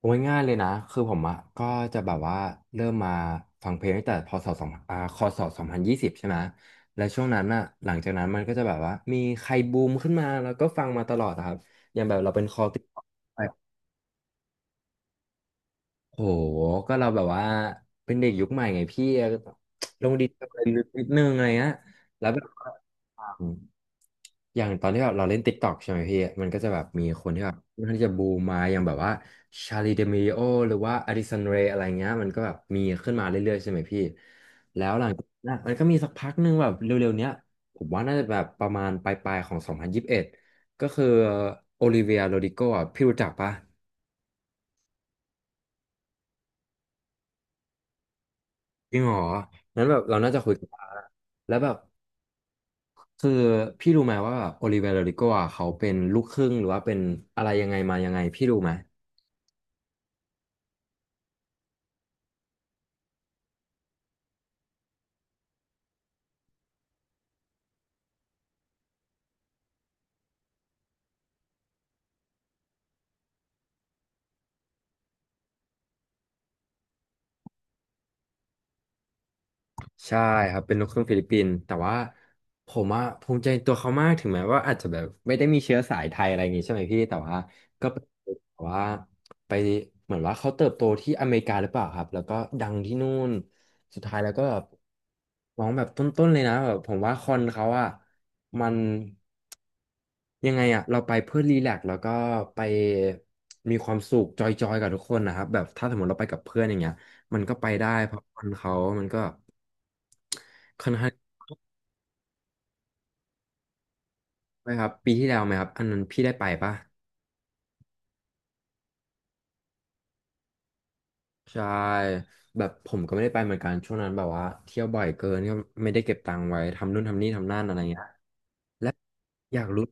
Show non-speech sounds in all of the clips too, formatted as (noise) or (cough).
โอ้ยง่ายเลยนะ คือผมอะก็จะแบบว่าเริ่มมาฟังเพลงตั้งแต่พศสองคศสองพันยี่สิบใช่ไหมและช่วงนั้นอะหลังจากนั้นมันก็จะแบบว่ามีใครบูมขึ้นมาแล้วก็ฟังมาตลอดอะครับ โห ก็เราแบบว่าเป็นเด็กยุคใหม่ไงพี่ ลงดีเทลอะไรลึกนิดนึงอะไรเงี้ยแล้วแบบว่าอาอย่างตอนที่แบบเราเล่น TikTok ใช่ไหมพี่ มันก็จะแบบมีคนที่แบบมันข้างที่จะบูมมาอย่างแบบว่าชาลีเดมิโอหรือว่าอดิสันเรย์อะไรเงี้ยมันก็แบบมีขึ้นมาเรื่อยๆใช่ไหมพี่ แล้วหลังจากนั้นอะมันก็มีสักพักหนึ่งแบบเร็วๆเนี้ยผมว่าน่าจะแบบประมาณปลายๆของ 2021 ก็คือโอลิเวียโรดิโกอ่ะพี่รู้จักปะ จริงเหรอนั้นแบบเราน่าจะคุยกันได้แล้วแบบคือพี่รู้ไหมว่าแบบโอลิเว r โรดิโกอ่ะเขาเป็นลูกครึ่งหรือว่าเป็นอะไรยังไงมายังไงพี่รู้ไหม ใช่ครับเป็นลูกครึ่งฟิลิปปินส์แต่ว่าผมอะภูมิใจในตัวเขามากถึงแม้ว่าอาจจะแบบไม่ได้มีเชื้อสายไทยอะไรอย่างงี้ใช่ไหมพี่แต่ว่าก็เป็นแบบว่าไปเหมือนว่าเขาเติบโตที่อเมริกาหรือเปล่าครับแล้วก็ดังที่นู่นสุดท้ายแล้วก็แบบร้องแบบต้นๆเลยนะแบบผมว่าคอนเขาอะมันยังไงอะเราไปเพื่อรีแลกซ์แล้วก็ไปมีความสุขจอยๆกับทุกคนนะครับแบบถ้าสมมติเราไปกับเพื่อนอย่างเงี้ย มันก็ไปได้เพราะคนเขามันก็ค่อนข้างนะครับปีที่แล้วไหมครับอันนั้นพี่ได้ไปปะใช่แบบผมก็ไม่ได้ไปเหมือนกันช่วงนั้นแบบว่าเที่ยวบ่อยเกินก็ไม่ได้เก็บตังค์ไว้ทำนู่นทำนี่ทำนั่นอะไรเงี้ยและอยากรู้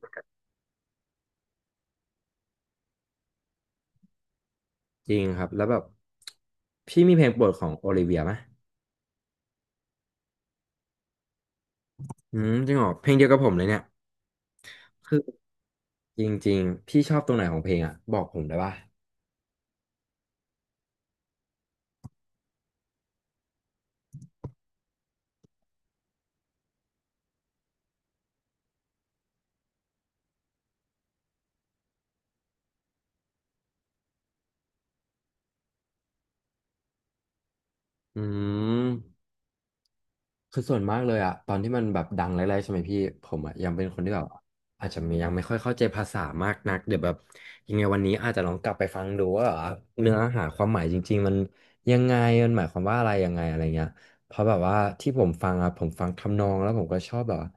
จริงครับแล้วแบบพี่มีเพลงโปรดของโอลิเวียไหมอืมจริงเหรอเพลงเดียวกับผมเลยเนี่ยคือจริงๆพี่ชอบตรงไหนของเพลงอ่ะบอกผมได้ปะอืม คือส่วนมากเลยอะตอนที่มันแบบดังแรกๆใช่ไหมพี่ผมอะยังเป็นคนที่แบบอาจจะมียังไม่ค่อยเข้าใจภาษามากนักเดี๋ยวแบบยังไงวันนี้อาจจะลองกลับไปฟังดูว่าเนื้อหาความหมายจริงๆมันยังไงมันหมายความว่าอะไรยังไงอะไรเงี้ยเพราะแบบว่าที่ผมฟังอะผมฟังทำนองแล้วผมก็ชอบแบบว่า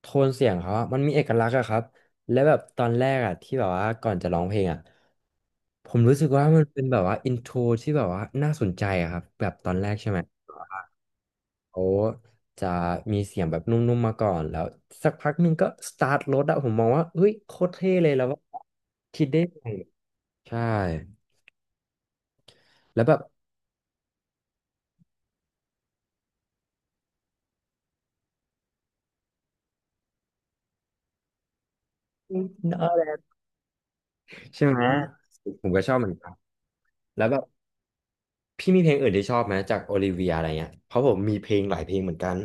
โทนเสียงเขาอะมันมีเอกลักษณ์อะครับและแบบตอนแรกอะที่แบบว่าก่อนจะร้องเพลงอะผมรู้สึกว่ามันเป็นแบบว่าอินโทรที่แบบว่าน่าสนใจอะครับแบบตอนแรกใช่ไหม เขาจะมีเสียงแบบนุ่มๆมาก่อนแล้วสักพักหนึ่งก็สตาร์ทรถอะผมมองว่าเฮ้ยโคตรเท่เลยแล้วว่าคิดได้ไงใช่แล้วแบบใช่ไหมผมก็ชอบเหมือนกันแล้วแบบพี่มีเพลงอื่นที่ชอบไหมจากโอลิเวียอะไรเงี้ยเพราะผมมีเพลงหลายเพลงเหมือนกัน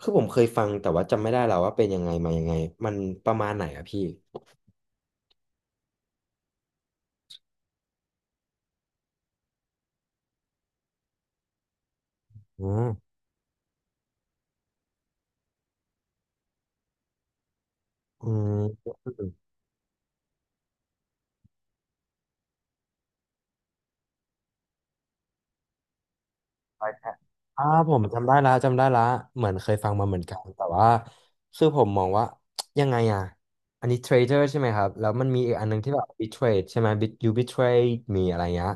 คือผมเคยฟังแต่ว่าจำไม่ได้แล้วว่าเป็นยังไงมายังไงมันประมาณไหนอะพี่อ๋ออืม ร้แท้อ่าผมจำได้ละจำได้ละเหมือนเคยฟังมาเหมือนกันแต่ว่าคือผมมองว่ายังไงอ่ะอันนี้เทรดเดอร์ใช่ไหมครับ แล้วมันมีอีกอันนึงที่แบบบิทเทรดใช่ไหมบิทเทรดมีอะไรเงี้ย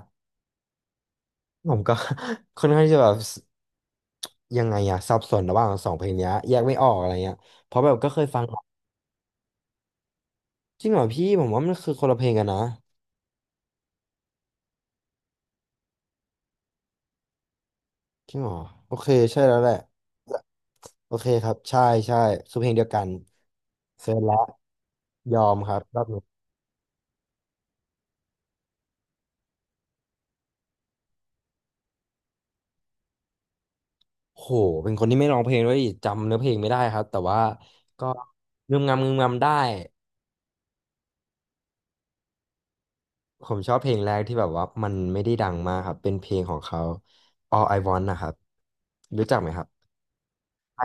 ผมก็ (laughs) ค่อนข้างที่จะแบบยังไงอะสับสนระหว่างสองเพลงเนี้ยแยกไม่ออกอะไรเงี้ย เพราะแบบก็เคยฟังมาจริงเหรอพี่ผมว่ามันคือคนละเพลงกันนะจริงเหรอโอเคใช่แล้วแหละโอเคครับใช่ใช่คือเพลงเดียวกันเสร็จแล้วยอมครับรอบนี้ โหเป็นคนที่ไม่ร้องเพลงด้วยอีกจำเนื้อเพลงไม่ได้ครับแต่ว่าก็งึมงำงึมงำได้ผมชอบเพลงแรกที่แบบว่ามันไม่ได้ดังมากครับเป็นเพลงของเขา All I Want นะครับรู้จักไหมครับไอ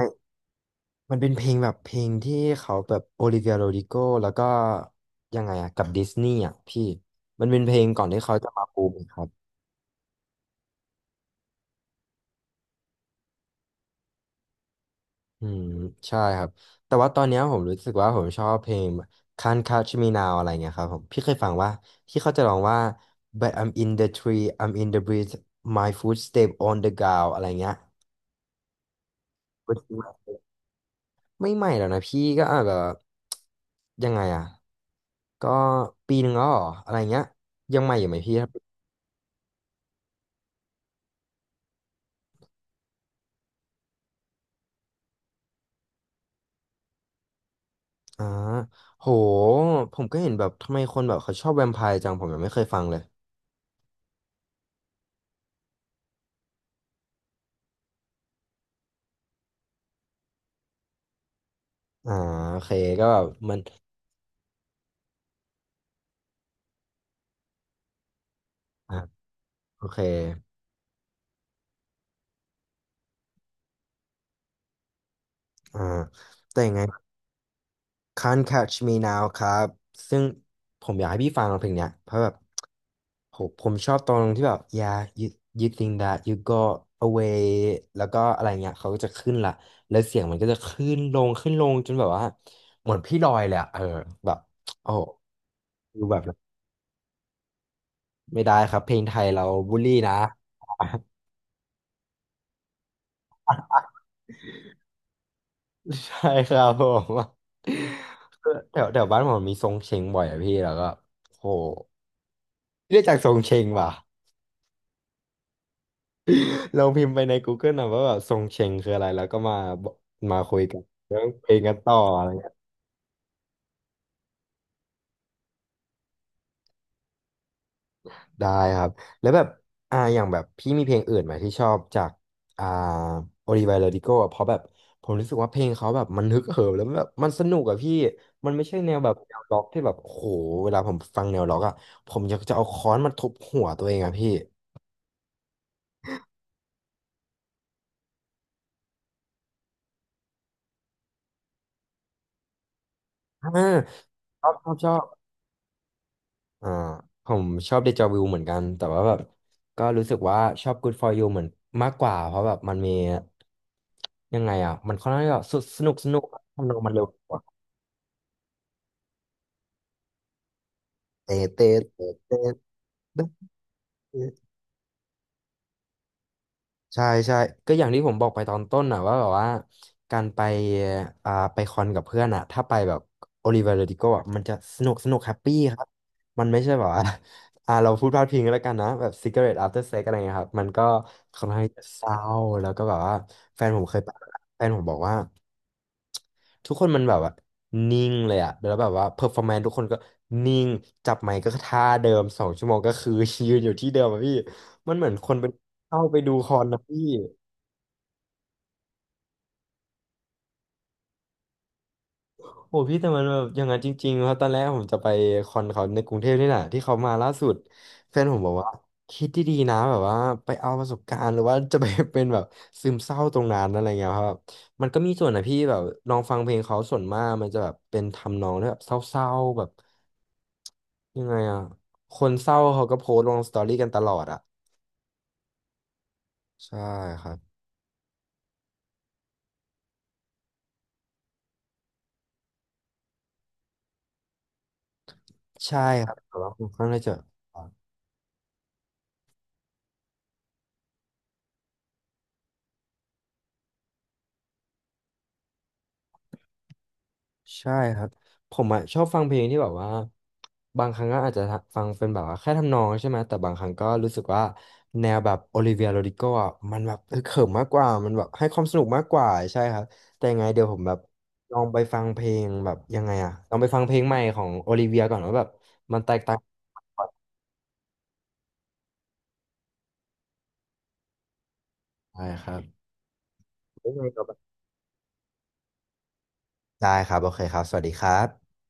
มันเป็นเพลงแบบเพลงที่เขาแบบโอลิเวียโรดิโกแล้วก็ยังไงอะกับดิสนีย์อะพี่มันเป็นเพลงก่อนที่เขาจะมาบูมครับ อืมใช่ครับแต่ว่าตอนเนี้ยผมรู้สึกว่าผมชอบเพลง Can't Catch Me Now อะไรเงี้ยครับผมพี่เคยฟังว่าที่เขาจะร้องว่า But I'm in the tree I'm in the breeze my footstep on the ground อะไรเงี้ยก็คือว่าไม่ใหม่แล้วนะพี่ก็อาจแบบยังไงอ่ะก็ปีหนึ่งแล้วเหรออะไรเงี้ยยังใหม่อยู่ไหมพี่ครับอ่าโหผมก็เห็นแบบทำไมคนแบบเขาชอบแวมไพร์จังผมยังไม่เคยฟังเลยอ่าโอเคก็แบบมันอ่ะโอเค อ่าแต่ยังไง Can't Catch Me Now ครับซึ่งผมอยากให้พี่ฟังเพลงเนี้ยเพราะแบบโหผมชอบตรงที่แบบ yeah you you think that you go away แล้วก็อะไรเงี้ยเขาก็จะขึ้นละแล้วเสียงมันก็จะขึ้นลงขึ้นลงจนแบบว่าเหมือนพี่ลอยเลยอะเออแบบโอ้โหดูแบบไม่ได้ครับเพลงไทยเราบูลลี่นะ (laughs) ใช่ครับผม (laughs) แถวแถวบ้านผมมีทรงเชงบ่อยอะพี่แล้วก็โหเรียกจากทรงเชงว่ะ ลรงพิมพ์ไปใน Google นะว่าแบบทรงเชงคืออะไรแล้วก็มาบอกมาคุยกันเรื่องเพลงกันต่ออะไรเงี้ยได้ครับแล้วแบบอย่างแบบพี่มีเพลงอื่นไหมที่ชอบจากอ่าโอลิไวาโรดิโกะเพราะแบบผมรู้สึกว่าเพลงเขาแบบมันฮึกเหิมแล้วแบบมันสนุกอะพี่มันไม่ใช่แนวแบบแนวล็อกที่แบบโอ้โหเวลาผมฟังแนวล็อกอะผมอยากจะเอาค้อนมาทุบหัวตัวเองอะพี่อ่าชอบ อ่าผมชอบเดจาวิวเหมือนกันแต่ว่าแบบก็รู้สึกว่าชอบ Good for You เหมือนมากกว่าเพราะแบบมันมียังไงอ่ะมันค่อนข้างที่จะสนุกทำนองมันเร็วกว่าเตะเตะเตะเตะเตะเตะใช่ใช่ก็อย่างที่ผมบอกไปตอนต้นน่ะว่าแบบว่าการไปไปคอนกับเพื่อนอ่ะถ้าไปแบบโอลิเว r ร์ดิโกอ่ะมันจะสนุกสนุกแฮปปี้ครับมันไม่ใช่แบบว่า (laughs) เราพูดพลาดพิงกันแล้วกันนะแบบ cigarette after sex อะไรเงี้ยครับมันก็ เศร้าแล้วก็แบบว่าแฟนผมเคยไปแฟนผมบอกว่าทุกคนมันแบบว่านิ่งเลยอะแล้วแบบว่าเพอร์ฟอร์แมนซ์ทุกคนก็นิ่งจับไมค์ก็ท่าเดิมสองชั่วโมงก็คือ (laughs) ยืนอยู่ที่เดิมอะพี่มันเหมือนคนเป็นเข้าไปดูคอนนะพี่ โหพี่แต่มันแบบอย่างนั้นจริงๆครับตอนแรกผมจะไปคอนเขาในกรุงเทพนี่แหละที่เขามาล่าสุดแฟนผมบอกว่าคิดดีๆนะแบบว่าไปเอาประสบการณ์หรือว่าจะไปเป็นแบบซึมเศร้าตรงนั้นอะไรเงี้ยครับมันก็มีส่วนนะพี่แบบลองฟังเพลงเขาส่วนมากมันจะแบบเป็นทำนองที่แบบเศร้าๆแบบยังไงอ่ะคนเศร้าเขาก็โพสต์ลงสตอรี่กันตลอดอ่ะใช่ครับใช่ครับแต่ว่าผมค่อนข้างจะ ใช่ครับผมอ่ะชอบฟังเพลงที่แบบว่าบางครั้งก็อาจจะฟังเป็นแบบว่าแค่ทำนองใช่ไหมแต่บางครั้งก็รู้สึกว่าแนวแบบโอลิเวียโรดิโกอ่ะมันแบบเออเขิมมากกว่ามันแบบให้ความสนุกมากกว่าใช่ครับแต่ยังไงเดี๋ยวผมแบบลองไปฟังเพลงแบบยังไงอ่ะลองไปฟังเพลงใหม่ของโอลิเวียก่อนว่าแบบมันแตกต่างกันใช่ครับได้ครับโอเคครับสวัสดีครับ